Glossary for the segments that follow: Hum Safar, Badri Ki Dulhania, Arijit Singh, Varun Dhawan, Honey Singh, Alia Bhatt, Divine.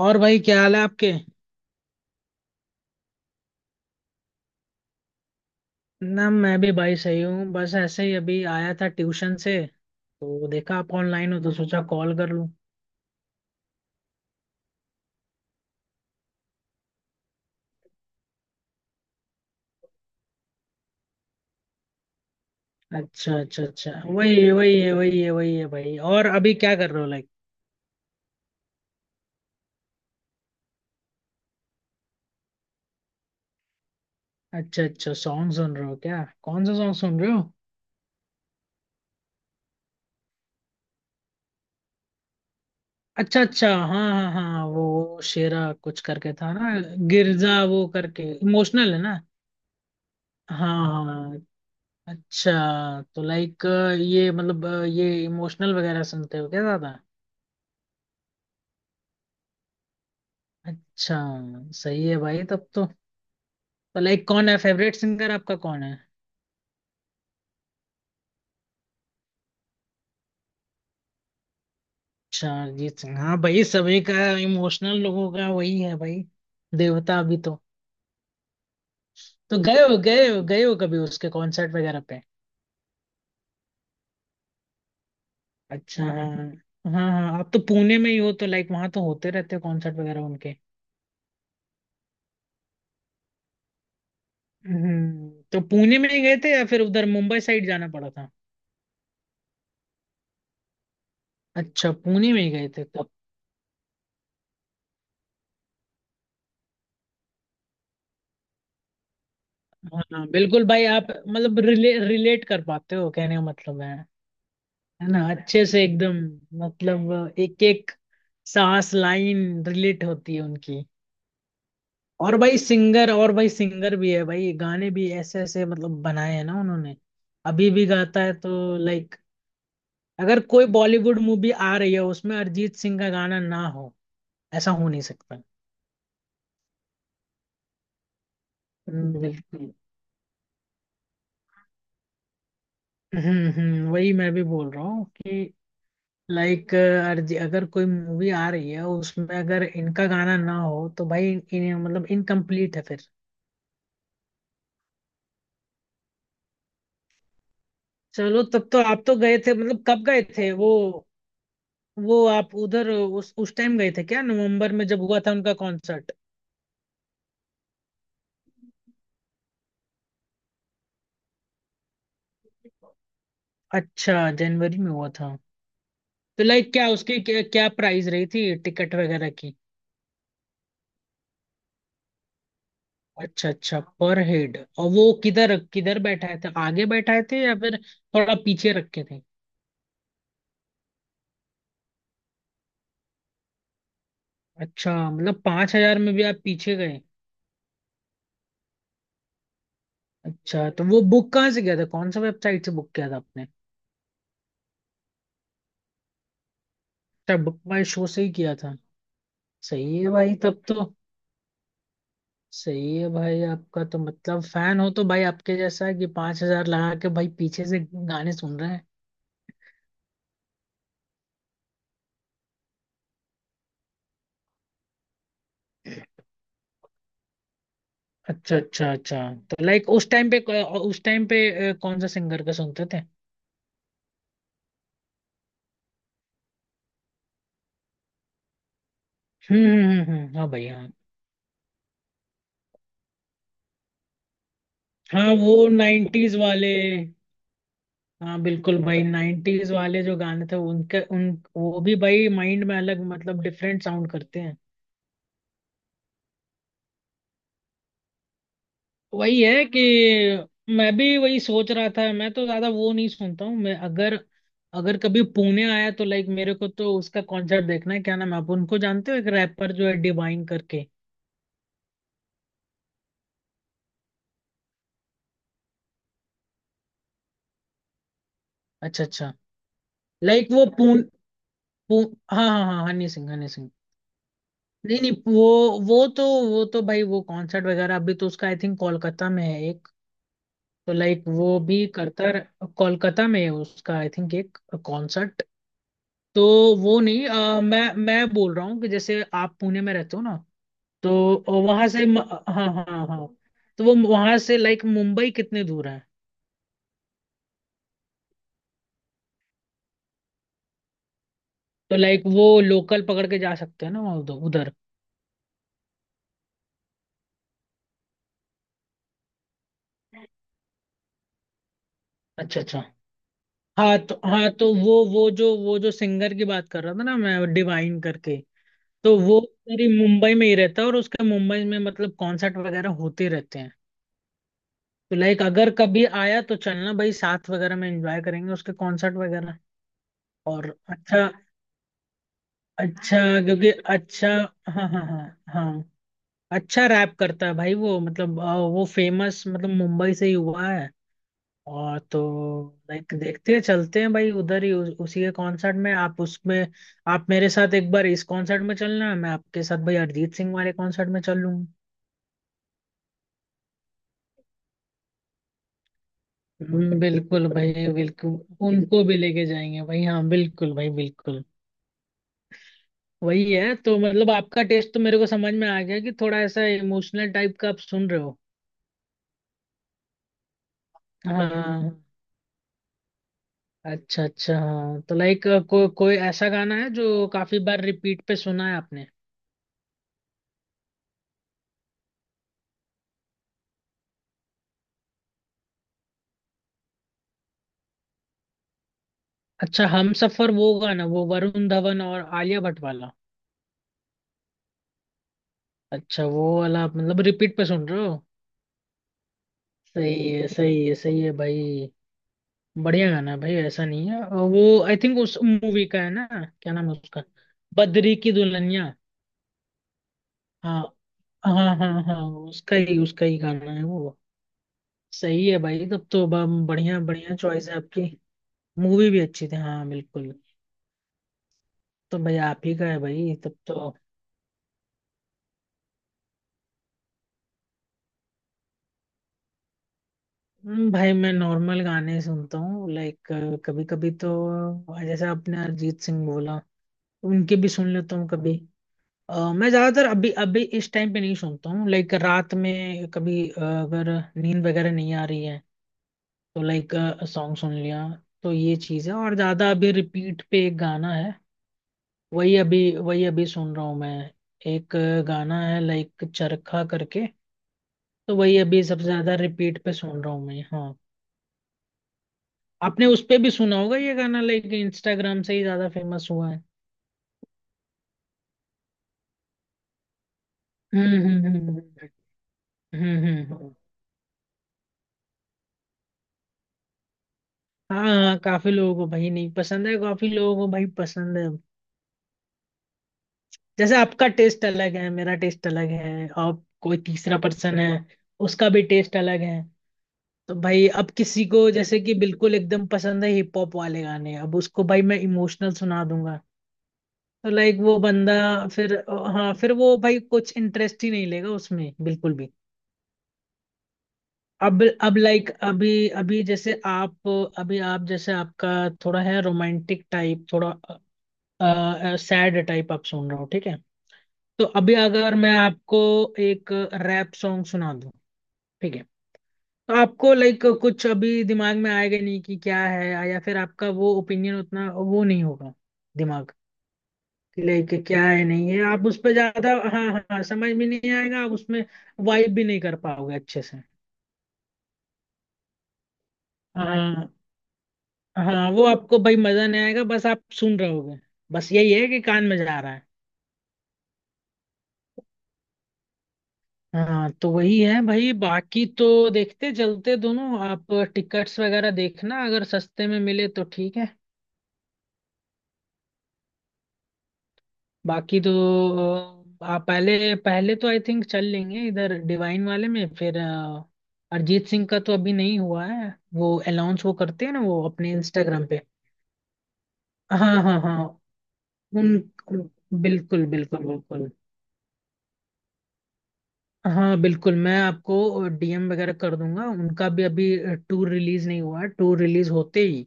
और भाई क्या हाल है आपके? ना, मैं भी भाई सही हूँ। बस ऐसे ही अभी आया था ट्यूशन से तो देखा आप ऑनलाइन हो तो सोचा कॉल कर लूँ। अच्छा अच्छा अच्छा, वही है वही है वही है वही है भाई। और अभी क्या कर रहे हो, लाइक? अच्छा अच्छा, सॉन्ग सुन रहे हो क्या? कौन सा सॉन्ग सुन रहे हो? अच्छा अच्छा, हाँ हाँ हाँ। वो शेरा कुछ करके था ना? गिरजा वो करके, इमोशनल है ना? हाँ। हाँ। अच्छा। तो लाइक, ये मतलब ये इमोशनल वगैरह सुनते हो क्या ज्यादा? अच्छा। सही है भाई तब तो। लाइक कौन है फेवरेट सिंगर आपका, कौन है? अच्छा, अरिजीत सिंह। हाँ भाई, सभी का इमोशनल लोगों का वही है भाई। देवता अभी तो। तो गए हो गए हो गए हो कभी उसके कॉन्सर्ट वगैरह पे? अच्छा, हाँ। हाँ हाँ, आप तो पुणे में ही हो तो लाइक वहां तो होते रहते कॉन्सर्ट वगैरह उनके। तो पुणे में ही गए थे या फिर उधर मुंबई साइड जाना पड़ा था? अच्छा, पुणे में ही गए थे तो। हाँ हाँ, बिल्कुल भाई। आप मतलब रिलेट कर पाते हो, कहने का मतलब है। है ना, अच्छे से एकदम। मतलब, एक एक सांस लाइन रिलेट होती है उनकी। और भाई सिंगर भी है भाई। गाने भी ऐसे ऐसे मतलब बनाए हैं ना उन्होंने। अभी भी गाता है तो लाइक, अगर कोई बॉलीवुड मूवी आ रही है उसमें अरिजीत सिंह का गाना ना हो, ऐसा हो नहीं सकता। बिल्कुल। वही मैं भी बोल रहा हूँ कि लाइक, अर्जी, अगर कोई मूवी आ रही है उसमें अगर इनका गाना ना हो तो भाई इन, इन, मतलब इनकम्प्लीट है फिर। चलो तब तो आप तो गए थे, मतलब कब गए थे वो? वो आप उधर उस टाइम गए थे क्या, नवंबर में जब हुआ था उनका कॉन्सर्ट? अच्छा, जनवरी में हुआ था। तो लाइक क्या उसकी क्या प्राइस रही थी टिकट वगैरह की? अच्छा अच्छा, पर हेड। और वो किधर किधर बैठाए थे, आगे बैठाए थे या फिर थोड़ा पीछे रखे थे? अच्छा, मतलब 5,000 में भी आप पीछे गए? अच्छा, तो वो बुक कहाँ से किया था, कौन सा वेबसाइट से बुक किया था आपने? अच्छा, बुक माई शो से ही किया था। सही है भाई तब तो। सही है भाई, आपका तो मतलब फैन हो तो भाई आपके जैसा है कि 5,000 लगा के भाई पीछे से गाने सुन रहे हैं। अच्छा अच्छा अच्छा। तो लाइक उस टाइम पे कौन सा सिंगर का सुनते थे? हाँ भाई, हाँ। हाँ, वो 90s वाले। हाँ बिल्कुल भाई, 90s वाले जो गाने थे उनके उन वो भी भाई माइंड में अलग मतलब डिफरेंट साउंड करते हैं। वही है कि मैं भी वही सोच रहा था। मैं तो ज्यादा वो नहीं सुनता हूँ मैं। अगर अगर कभी पुणे आया तो लाइक मेरे को तो उसका कॉन्सर्ट देखना है। क्या नाम है, आप उनको जानते हो? एक रैपर जो है, डिवाइन करके। अच्छा अच्छा। लाइक पू, हाँ हाँ हाँ, हनी सिंह हनी सिंह। नहीं नहीं, वो तो वो तो भाई वो कॉन्सर्ट वगैरह अभी तो उसका आई थिंक कोलकाता में है एक। तो लाइक वो भी कोलकाता में है उसका आई थिंक एक कॉन्सर्ट। तो वो नहीं, मैं बोल रहा हूँ कि जैसे आप पुणे में रहते हो ना, तो वहां से हाँ हाँ हाँ, तो वो वहां से लाइक मुंबई कितने दूर है? तो लाइक वो लोकल पकड़ के जा सकते हैं ना वहाँ, उधर उधर? अच्छा अच्छा। हाँ तो, वो जो सिंगर की बात कर रहा था ना मैं, डिवाइन करके। तो वो मेरी मुंबई में ही रहता है और उसके मुंबई में मतलब कॉन्सर्ट वगैरह होते रहते हैं। तो लाइक अगर कभी आया तो चलना भाई, साथ वगैरह में एंजॉय करेंगे उसके कॉन्सर्ट वगैरह। और अच्छा, अच्छा, क्योंकि अच्छा, हाँ हाँ हाँ हाँ। अच्छा रैप करता है भाई वो, मतलब वो फेमस मतलब मुंबई से ही हुआ है, और तो लाइक देखते हैं, चलते हैं भाई उधर ही, उसी के कॉन्सर्ट में आप उसमें। आप मेरे साथ एक बार इस कॉन्सर्ट में चलना, मैं आपके साथ भाई अरिजीत सिंह वाले कॉन्सर्ट में चल लूंगा। बिल्कुल भाई, बिल्कुल। उनको भी लेके जाएंगे भाई, हाँ बिल्कुल भाई बिल्कुल। वही है तो मतलब आपका टेस्ट तो मेरे को समझ में आ गया कि थोड़ा ऐसा इमोशनल टाइप का आप सुन रहे हो। हाँ। अच्छा अच्छा, हाँ, तो लाइक कोई ऐसा गाना है जो काफी बार रिपीट पे सुना है आपने? अच्छा, हम सफर वो गाना, वो वरुण धवन और आलिया भट्ट वाला? अच्छा, वो वाला आप मतलब रिपीट पे सुन रहे हो? सही है सही है सही है भाई। बढ़िया गाना है भाई, ऐसा नहीं है। और वो आई थिंक उस मूवी का है ना? क्या नाम है उसका? बद्री की दुल्हनिया? हाँ हाँ हाँ हाँ, उसका ही गाना है वो। सही है भाई तब तो, बढ़िया बढ़िया चॉइस है आपकी। मूवी भी अच्छी थी, हाँ बिल्कुल। तो भाई आप ही का है भाई तब तो। भाई मैं नॉर्मल गाने सुनता हूँ लाइक, कभी कभी तो जैसे आपने अरिजीत सिंह बोला, उनके भी सुन लेता हूँ कभी। मैं ज्यादातर अभी अभी इस टाइम पे नहीं सुनता हूँ लाइक, रात में कभी अगर नींद वगैरह नहीं आ रही है तो लाइक सॉन्ग सुन लिया, तो ये चीज है। और ज्यादा अभी रिपीट पे एक गाना है, वही अभी सुन रहा हूँ मैं। एक गाना है लाइक चरखा करके। तो वही अभी सबसे ज्यादा रिपीट पे सुन रहा हूँ मैं, हाँ। आपने उस पे भी सुना होगा ये गाना, लाइक इंस्टाग्राम से ही ज्यादा फेमस हुआ है। हम्म हम्म हम्म हम्म हम्म, हम्म। हाँ हाँ, काफी लोगों को भाई नहीं पसंद है, काफी लोगों को भाई पसंद है। जैसे आपका टेस्ट अलग है, मेरा टेस्ट अलग है, और कोई तीसरा पर्सन है, उसका भी टेस्ट अलग है। तो भाई अब किसी को जैसे कि बिल्कुल एकदम पसंद है हिप हॉप वाले गाने, अब उसको भाई मैं इमोशनल सुना दूंगा तो लाइक वो बंदा फिर, हाँ फिर वो भाई कुछ इंटरेस्ट ही नहीं लेगा उसमें, बिल्कुल भी। अब लाइक अभी अभी जैसे आप, अभी आप जैसे आपका थोड़ा है रोमांटिक टाइप, थोड़ा सैड टाइप आप सुन रहे हो, ठीक है। तो अभी अगर मैं आपको एक रैप सॉन्ग सुना दूं, ठीक है, तो आपको लाइक कुछ अभी दिमाग में आएगा नहीं कि क्या है, या फिर आपका वो ओपिनियन उतना वो नहीं होगा दिमाग, कि लाइक क्या है, नहीं है आप उस पर ज्यादा। हाँ हाँ हाँ, समझ भी नहीं आएगा आप उसमें, वाइब भी नहीं कर पाओगे अच्छे से। हाँ हाँ, वो आपको भाई मजा नहीं आएगा, बस आप सुन रहे होगे, बस यही है कि कान में जा रहा है। हाँ, तो वही है भाई। बाकी तो देखते चलते दोनों, आप टिकट्स वगैरह देखना, अगर सस्ते में मिले तो ठीक है। बाकी तो आप पहले पहले तो आई थिंक चल लेंगे इधर डिवाइन वाले में, फिर अरिजीत सिंह का तो अभी नहीं हुआ है, वो अनाउंस वो करते हैं ना वो अपने इंस्टाग्राम पे। हाँ हाँ हाँ। उन उन- बिल्कुल बिल्कुल बिल्कुल, हाँ बिल्कुल, मैं आपको डीएम वगैरह कर दूंगा उनका भी। अभी टूर रिलीज नहीं हुआ है, टूर रिलीज होते ही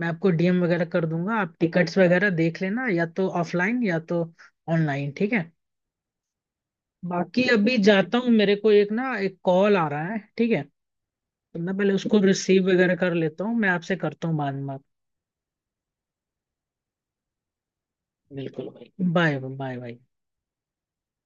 मैं आपको डीएम वगैरह कर दूंगा, आप टिकट्स वगैरह देख लेना, या तो ऑफलाइन या तो ऑनलाइन, ठीक है। बाकी अभी जाता हूँ, मेरे को एक ना एक कॉल आ रहा है, ठीक है। तो मैं पहले उसको रिसीव वगैरह कर लेता हूँ, मैं आपसे करता हूँ बाद में बात। बिल्कुल भाई, बाय बाय बाय।